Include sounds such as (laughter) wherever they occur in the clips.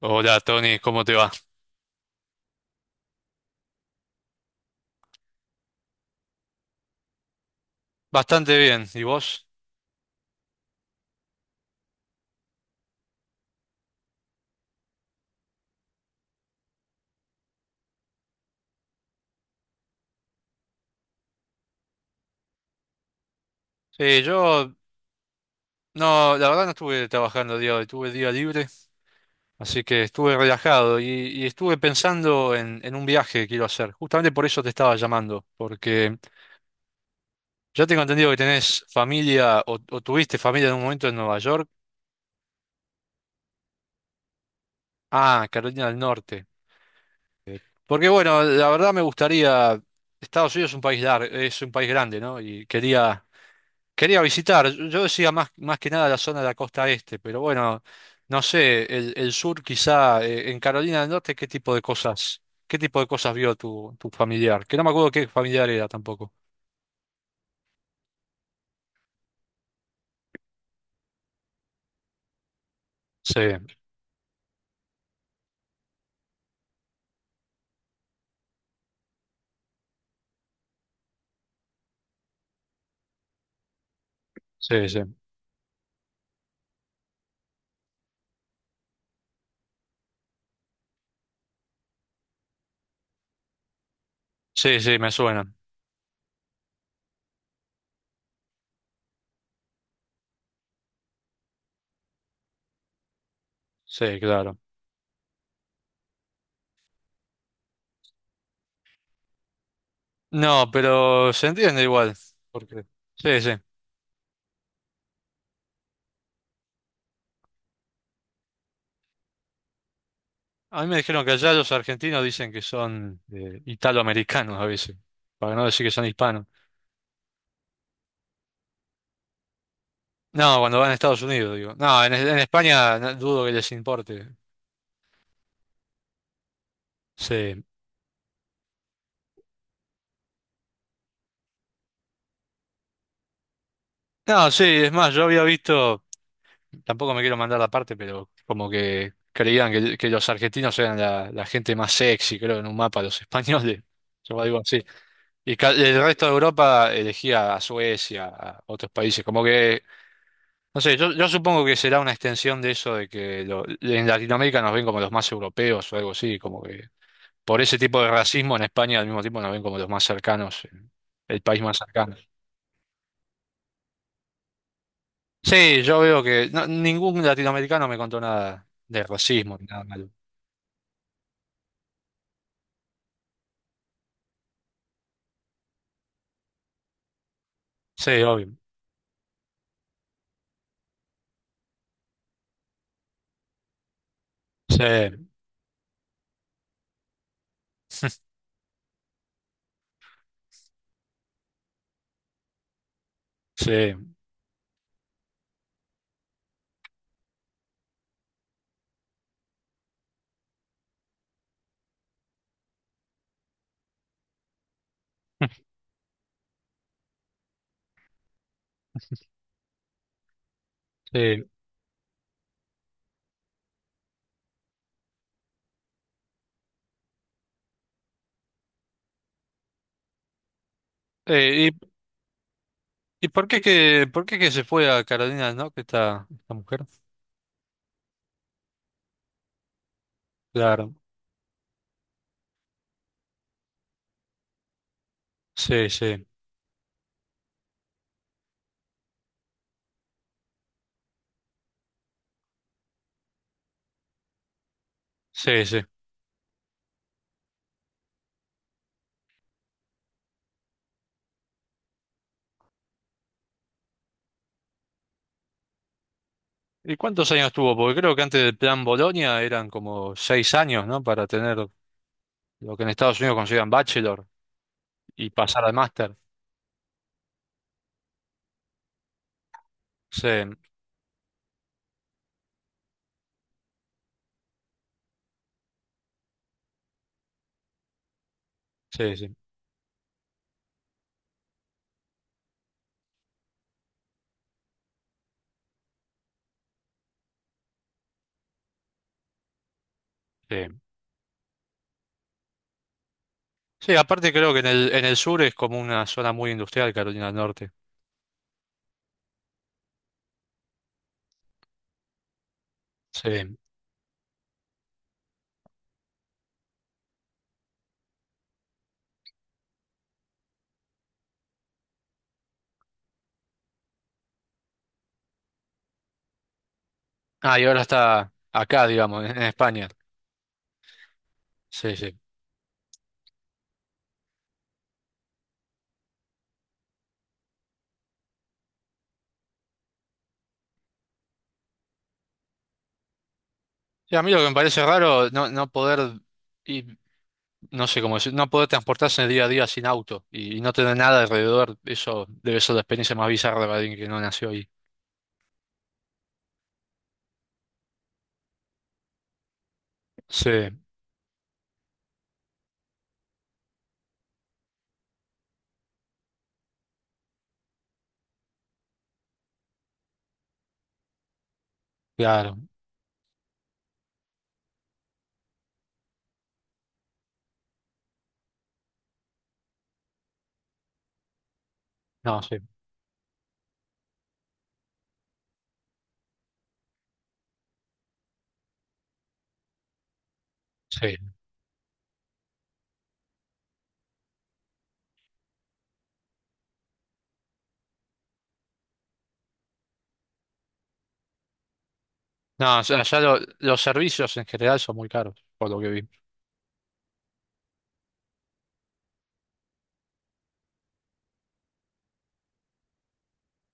Hola Tony, ¿cómo te va? Bastante bien, ¿y vos? Sí, yo no, la verdad no estuve trabajando el día de hoy, tuve día libre, así que estuve relajado y estuve pensando en un viaje que quiero hacer. Justamente por eso te estaba llamando, porque ya tengo entendido que tenés familia o tuviste familia en un momento en Nueva York. Ah, Carolina del Norte. Porque bueno, la verdad me gustaría, Estados Unidos es un país largo, es un país grande, ¿no? Quería visitar, yo decía más que nada la zona de la costa este, pero bueno, no sé, el sur quizá, en Carolina del Norte, ¿qué tipo de cosas vio tu familiar? Que no me acuerdo qué familiar era tampoco. Sí, sí, sí. Sí, sí, me suena. Sí, claro. No, pero se entiende igual. Porque... Sí, sí. A mí me dijeron que allá los argentinos dicen que son italoamericanos a veces, para no decir que son hispanos. No, cuando van a Estados Unidos, digo. No, en España no- dudo que les importe. Sí. No, sí, es más, yo había visto, tampoco me quiero mandar la parte, pero como que creían que los argentinos eran la gente más sexy, creo, en un mapa, los españoles, (laughs) o algo así. Y ca- el resto de Europa elegía a Suecia, a otros países, como que, no sé, yo supongo que será una extensión de eso de que lo- en Latinoamérica nos ven como los más europeos o algo así, como que... por ese tipo de racismo en España al mismo tiempo nos ven como los más cercanos, el país más cercano. Sí, yo veo que no- ningún latinoamericano me contó nada de racismo ni nada malo. Sí, obvio. Sí, sí, (laughs) sí. Eh, ¿y, y por qué que se fue a Carolina no Norte esta mujer? Claro. Sí, sí, sí, sí. ¿Y cuántos años tuvo? Porque creo que antes del plan Bolonia eran como seis años, ¿no? Para tener lo que en Estados Unidos consideran bachelor y pasar al máster. Sí, sí, sí. Sí. Sí, aparte creo que en el sur es como una zona muy industrial, Carolina del Norte. Sí. Ah, y ahora está acá, digamos, en España. Sí, sí. Sí, a mí lo que me parece raro, ir, no sé cómo decir, no poder transportarse en el día a día sin auto y no tener nada alrededor, eso debe ser la experiencia más bizarra para alguien que no nació ahí. Sí, claro. No, sí, sí. No, o sea, allá lo- los servicios en general son muy caros, por lo que vi.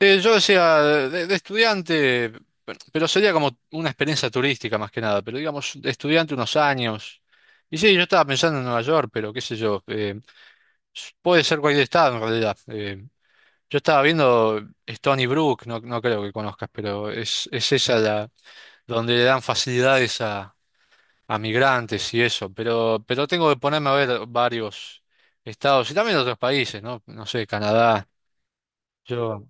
Yo decía, de estudiante, pero sería como una experiencia turística más que nada, pero digamos, de estudiante unos años. Y sí, yo estaba pensando en Nueva York, pero qué sé yo, s- puede ser cualquier estado en realidad. Yo estaba viendo Stony Brook, no, no creo que conozcas, pero es esa la, donde le dan facilidades a migrantes y eso, pero tengo que ponerme a ver varios estados y también otros países, ¿no? No sé, Canadá, yo,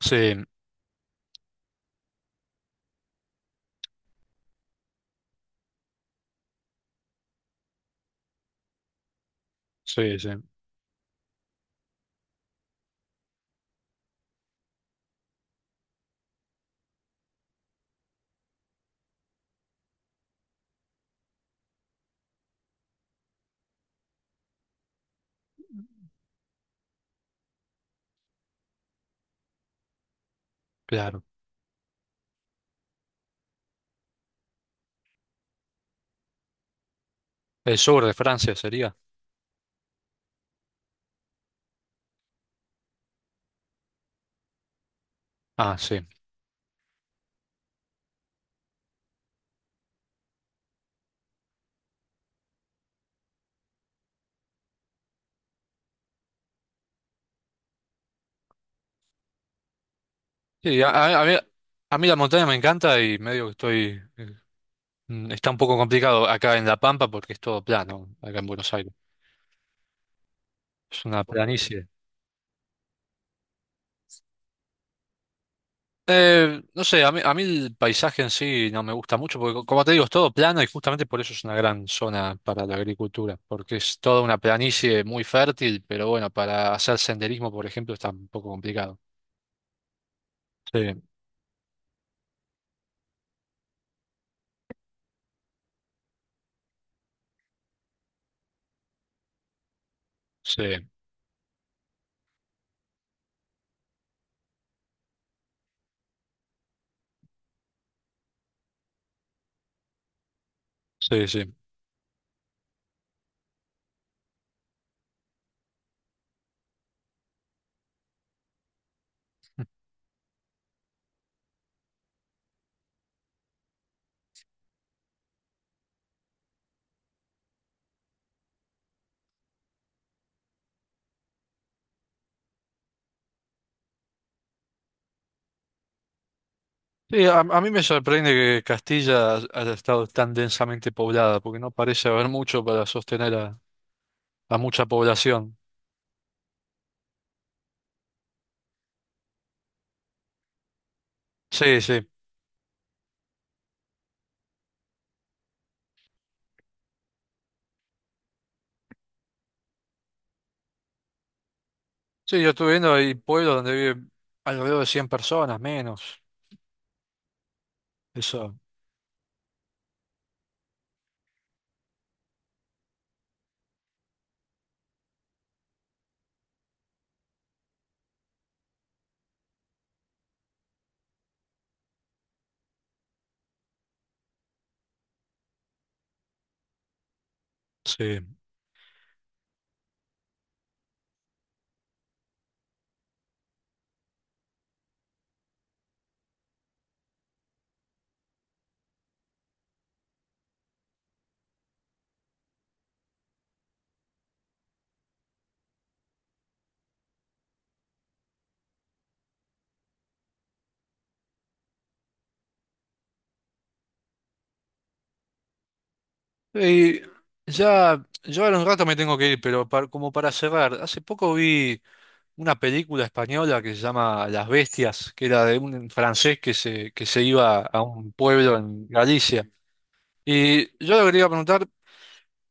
sí, sí, sí, claro. El sur de Francia sería. Ah, sí. Sí, a mí la montaña me encanta y medio que estoy... Está un poco complicado acá en La Pampa porque es todo plano, acá en Buenos Aires. Es una planicie. No sé, a mí el paisaje en sí no me gusta mucho porque, co- como te digo, es todo plano y justamente por eso es una gran zona para la agricultura, porque es toda una planicie muy fértil, pero bueno, para hacer senderismo, por ejemplo, está un poco complicado. Sí, sí, sí, sí. Sí, a mí me sorprende que Castilla haya estado tan densamente poblada, porque no parece haber mucho para sostener a mucha población. Sí, sí. Sí, yo estuve viendo, hay pueblos donde viven alrededor de 100 personas, menos. Eso, sí. Y ya, yo ahora un rato me tengo que ir, pero par- como para cerrar, hace poco vi una película española que se llama Las Bestias, que era de un francés que se iba a un pueblo en Galicia. Y yo le quería preguntar...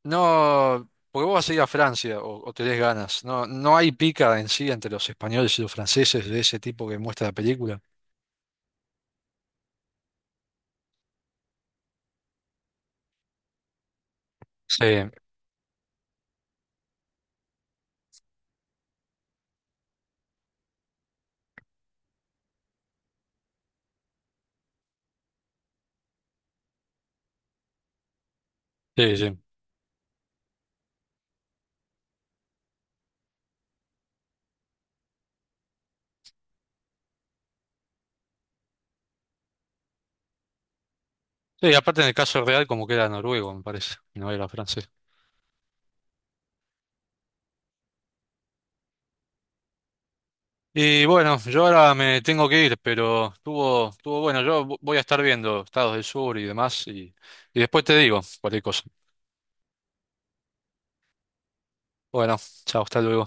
No, porque vos vas a ir a Francia o tenés ganas. No, no hay pica en sí entre los españoles y los franceses de ese tipo que muestra la película. Sí, sí, sí. Sí, aparte en el caso real como que era noruego, me parece, y no era francés. Y bueno, yo ahora me tengo que ir, pero estuvo bueno. Yo vo- voy a estar viendo Estados del Sur y demás y después te digo cualquier cosa. Bueno, chao, hasta luego.